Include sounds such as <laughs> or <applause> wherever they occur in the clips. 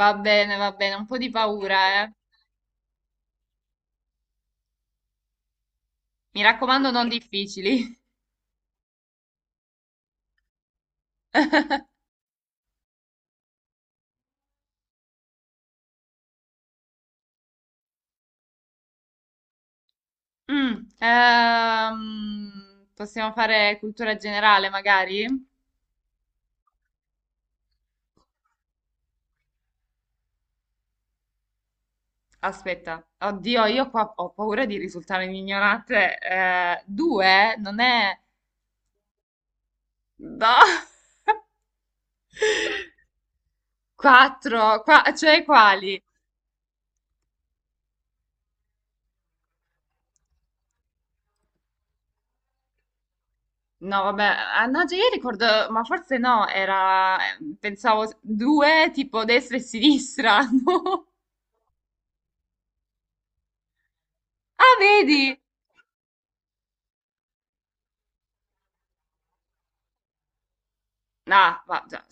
Va bene, un po' di paura, eh. Mi raccomando, non difficili. <laughs> Possiamo fare cultura generale, magari? Aspetta, oddio, io qua ho paura di risultare ignorante. Due? Non è. No! <laughs> Quattro? Cioè quali? No, vabbè, ah, no, cioè io ricordo, ma forse no, pensavo due, tipo destra e sinistra, <laughs> no? Ah, vedi? Ah, va, già.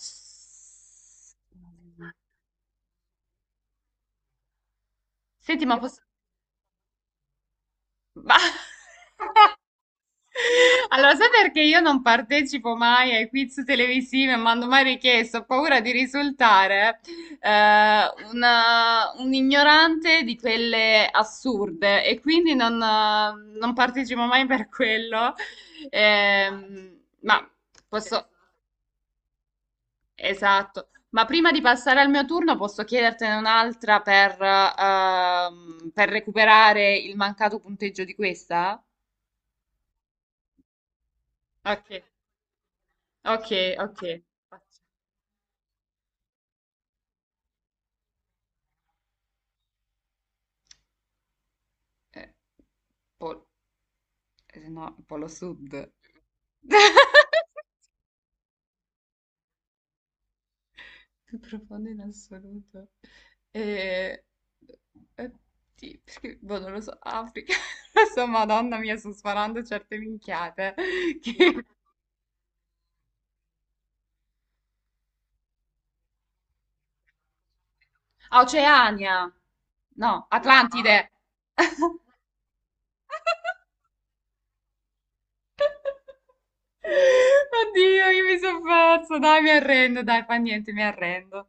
Senti, ma posso. ma- <laughs> Allora, sai perché io non partecipo mai ai quiz televisivi e mando mai richieste? Ho paura di risultare un ignorante di quelle assurde e quindi non partecipo mai per quello. Ma posso. Esatto, ma prima di passare al mio turno posso chiedertene un'altra per recuperare il mancato punteggio di questa? Ok, ok, ok. Faccio. Eh, pol- no, Polo Sud. <laughs> Più profondo in assoluto. Eh, eh, sì, perché, boh, non lo so, Africa. <laughs> Adesso, Madonna mia, sto sparando certe minchiate. <laughs> Che. A Oceania. No, Atlantide. <laughs> Oddio, io mi sono perso. Dai, mi arrendo, dai, fa niente, mi arrendo.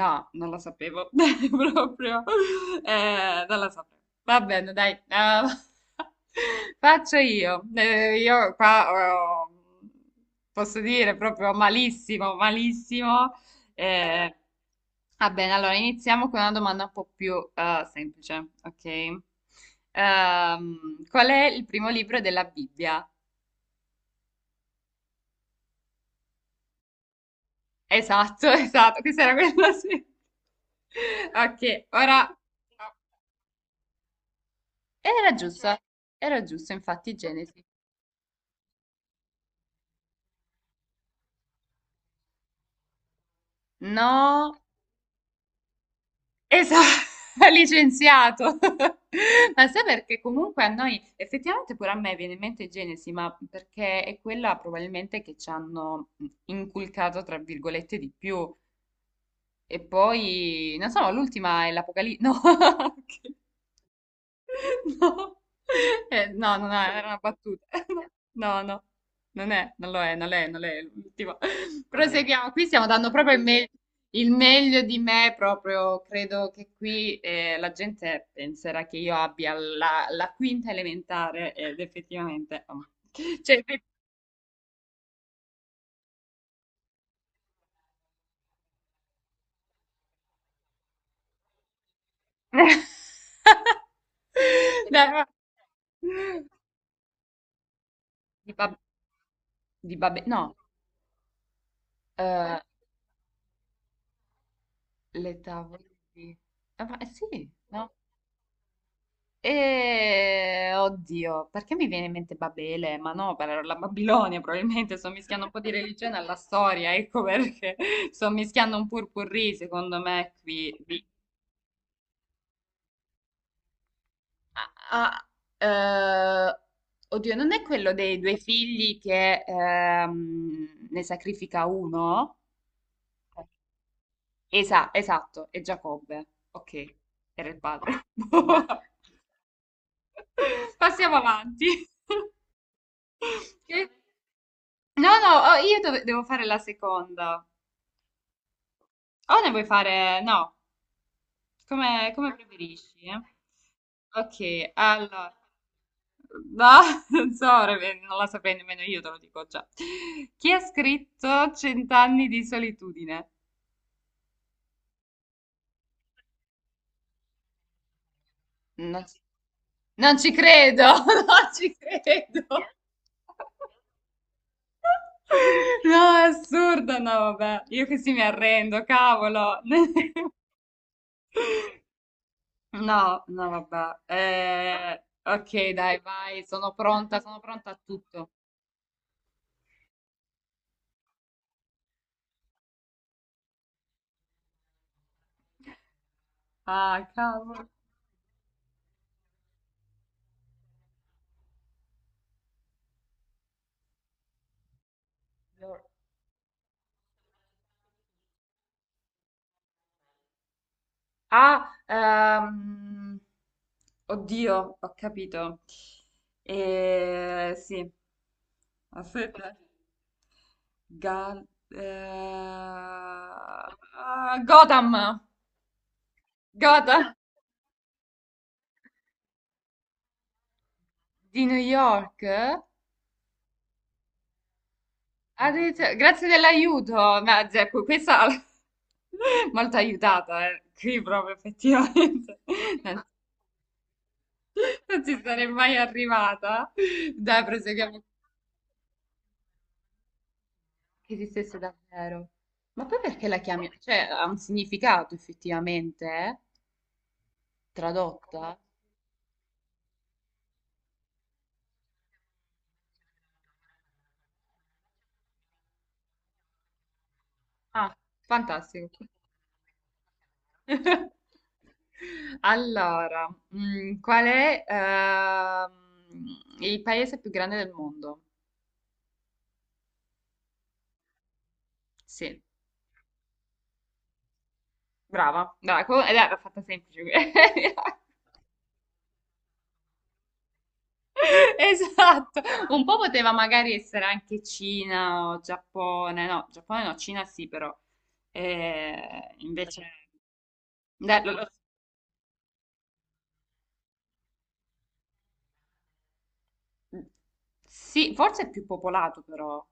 No, non la sapevo <laughs> proprio. Non la sapevo. Va bene, dai. <laughs> Faccio io. Io qua oh, posso dire proprio malissimo, malissimo. Eh, Va bene, allora iniziamo con una domanda un po' più semplice, ok? Qual è il primo libro della Bibbia? Esatto, <laughs> esatto, questa era quella sì. Ok, ora. No. Era giusto, era giusto, infatti, Genesi. No, esatto, <laughs> licenziato. <laughs> Ma sai perché comunque a noi, effettivamente pure a me viene in mente Genesi, ma perché è quella probabilmente che ci hanno inculcato, tra virgolette, di più. E poi, non so, l'ultima è l'Apocalisse. No, <laughs> ok. <laughs> No, no, no, no, era una battuta. <laughs> No, no, non è, non lo è, non lo è, non lo è l'ultimo. <laughs> Proseguiamo, qui stiamo dando proprio il meglio di me, proprio credo che qui la gente penserà che io abbia la quinta elementare ed effettivamente. Oh. Cioè, <laughs> Dai, va- di, bab- di babbe... no. Le tavole di. Ah, eh sì, no? Oddio, perché mi viene in mente Babele? Ma no, per la Babilonia probabilmente sto mischiando un po' di religione alla storia, ecco perché <laughs> sto mischiando un purpurri secondo me qui. Ah, ah, oddio, non è quello dei due figli che ne sacrifica uno? Esatto, è Giacobbe. Ok, era il padre. <laughs> <laughs> Passiamo avanti. <laughs> Che- No, no, oh, io devo fare la seconda. O ne vuoi fare? No, come preferisci, eh? Ok, allora. No, <laughs> non so, non la saprei nemmeno io, te lo dico già. Chi ha scritto Cent'anni di solitudine? Non ci, non ci credo, <laughs> non ci credo. <laughs> No, è assurdo, no, vabbè, io così mi arrendo, cavolo. <laughs> No, no, vabbè. Ok, dai, vai, sono pronta a tutto. Ah, cavolo. Ah, oddio, ho capito. Sì, aspetta. Gal... eh, Gotham, Gotham di New York? Grazie dell'aiuto, ma, cioè, questa <laughs> molto aiutata, eh. Qui proprio effettivamente <laughs> non, non ci sarei mai arrivata. Dai, proseguiamo. Che esistesse davvero. Ma poi perché la chiami? Cioè, ha un significato effettivamente, eh? Tradotta? Ah, fantastico. <laughs> Allora, qual è il paese più grande del mondo? Sì. Brava, brava, era fatta semplice. <laughs> Esatto, un po' poteva magari essere anche Cina o Giappone no, Cina sì però. Invece dai, sì, forse è più popolato però,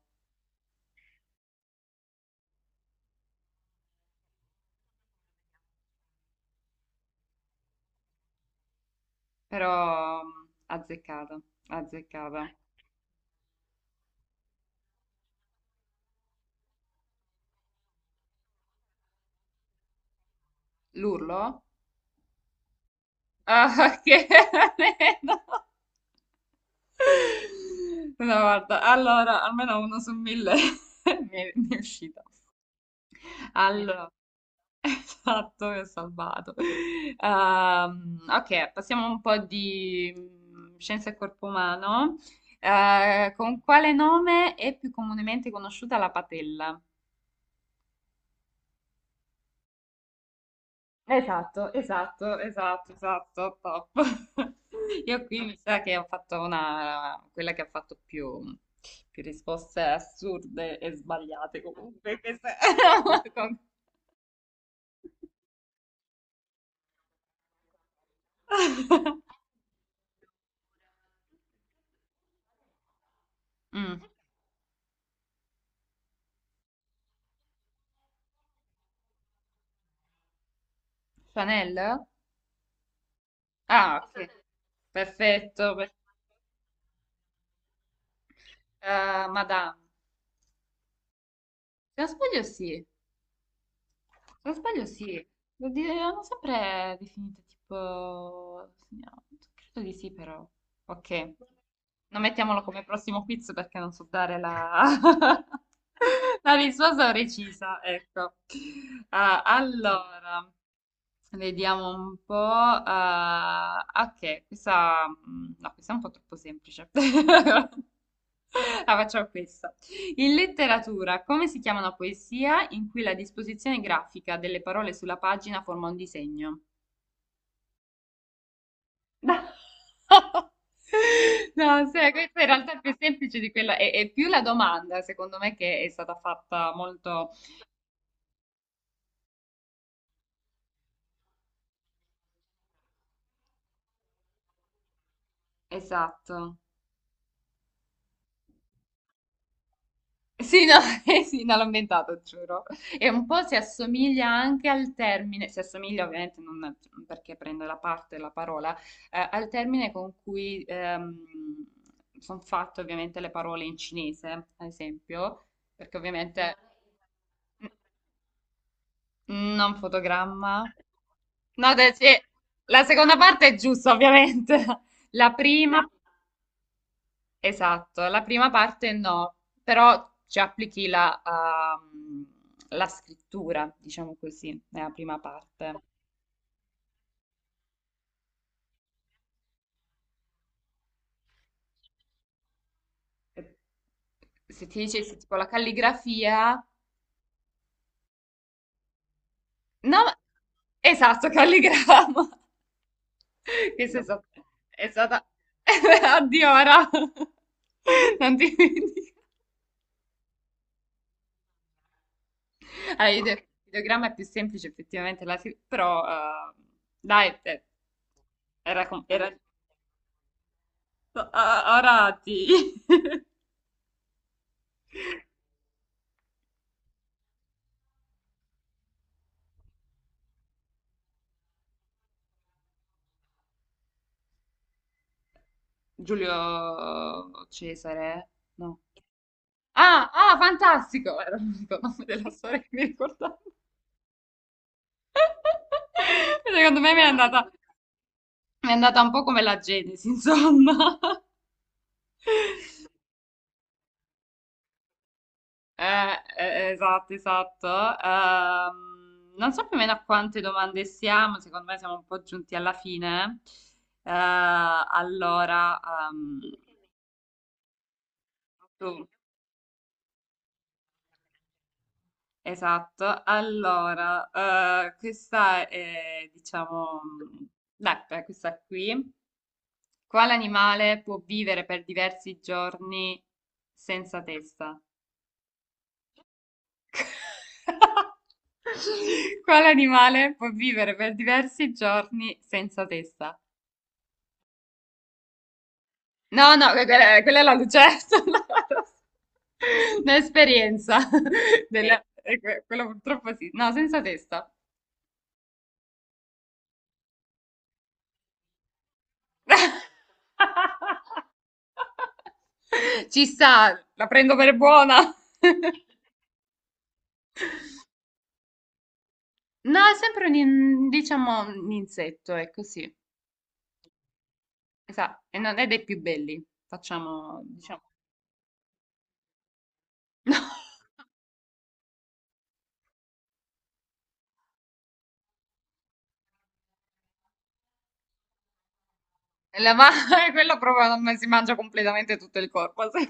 azzeccata, azzeccata. L'urlo? Ah, <laughs> che almeno. No, guarda, allora, almeno uno su mille <laughs> mi è uscito. Allora, <laughs> esatto, mi ho salvato. Ok, passiamo un po' di scienza e corpo umano. Con quale nome è più comunemente conosciuta la patella? Esatto, esatto, esatto, esatto, top. <laughs> Io qui mi sa che ho fatto una, quella che ha fatto più risposte assurde e sbagliate comunque. <laughs> Con- <laughs> Mm. Chanel? Ah, ok. Perfetto. Madame. Se non sbaglio sì. Se non sbaglio sì, l'hanno sempre definito tipo. Signora. Credo di sì però. Ok, non mettiamolo come prossimo quiz perché non so dare la, <laughs> la risposta precisa, ecco. Ah, allora, vediamo un po'. Ok, questa, no, questa è un po' troppo semplice. <laughs> La facciamo questa. In letteratura, come si chiama una poesia in cui la disposizione grafica delle parole sulla pagina forma un disegno? <laughs> No, questa in realtà è più semplice di quella, è più la domanda, secondo me, che è stata fatta molto esatto. Sì, no, <laughs> eh sì, no, l'ho inventato, giuro. E un po' si assomiglia anche al termine, si assomiglia ovviamente non perché prende la parte, la parola, al termine con cui sono fatte ovviamente le parole in cinese, ad esempio, perché ovviamente non fotogramma. No, sì, la seconda parte è giusta, ovviamente. <laughs> La prima. Esatto, la prima parte no, però ci applichi la scrittura, diciamo così, nella prima parte. E se ti dicessi tipo la calligrafia, no, esatto, calligrama, <laughs> che è stata, <laughs> addio ora, <laughs> non ti. Allora, il videogramma è più semplice effettivamente, però dai, era Arati. <laughs> Giulio Cesare? No. Ah, ah, fantastico! Era l'unico nome della storia che mi ricordavo. <laughs> Secondo me mi è andata un po' come la Genesi, insomma. <laughs> Eh, esatto, esatto. Non so più o meno a quante domande siamo, secondo me siamo un po' giunti alla fine. Eh, allora, ehm, Tu. Esatto, allora, questa è, diciamo, beh, questa qui. Quale animale può vivere per diversi giorni senza testa? <laughs> Quale animale può vivere per diversi giorni senza testa? No, no, quella è la lucertola. <laughs> Un'esperienza. <laughs> Sì. Quello purtroppo sì. No, senza testa. <laughs> Ci sta, la prendo per buona. <laughs> No, è sempre diciamo, un insetto, è così. Esatto, e non è dei più belli. Facciamo, diciamo. <laughs> La ma- <laughs> quello proprio non si mangia completamente tutto il corpo, sì.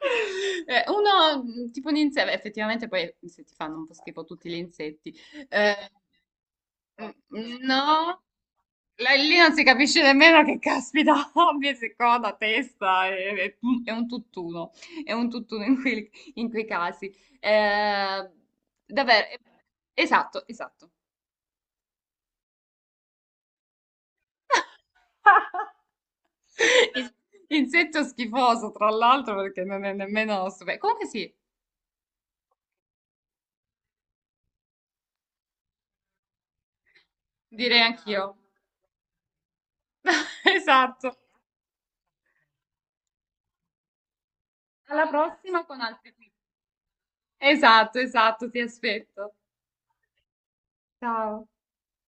Uno, tipo un insetto, effettivamente poi se ti fanno un po' schifo tutti gli insetti. Eh, no, lì non si capisce nemmeno che caspita <laughs> abbia se coda, testa, è un tutt'uno, è un tutt'uno in quei casi. Eh, Davvero, esatto, esatto. <laughs> Is- Insetto schifoso, tra l'altro, perché non è nemmeno. Comunque sì, direi anch'io. <laughs> Esatto. Alla prossima con altri quiz. Esatto, esatto, ti aspetto. Ciao.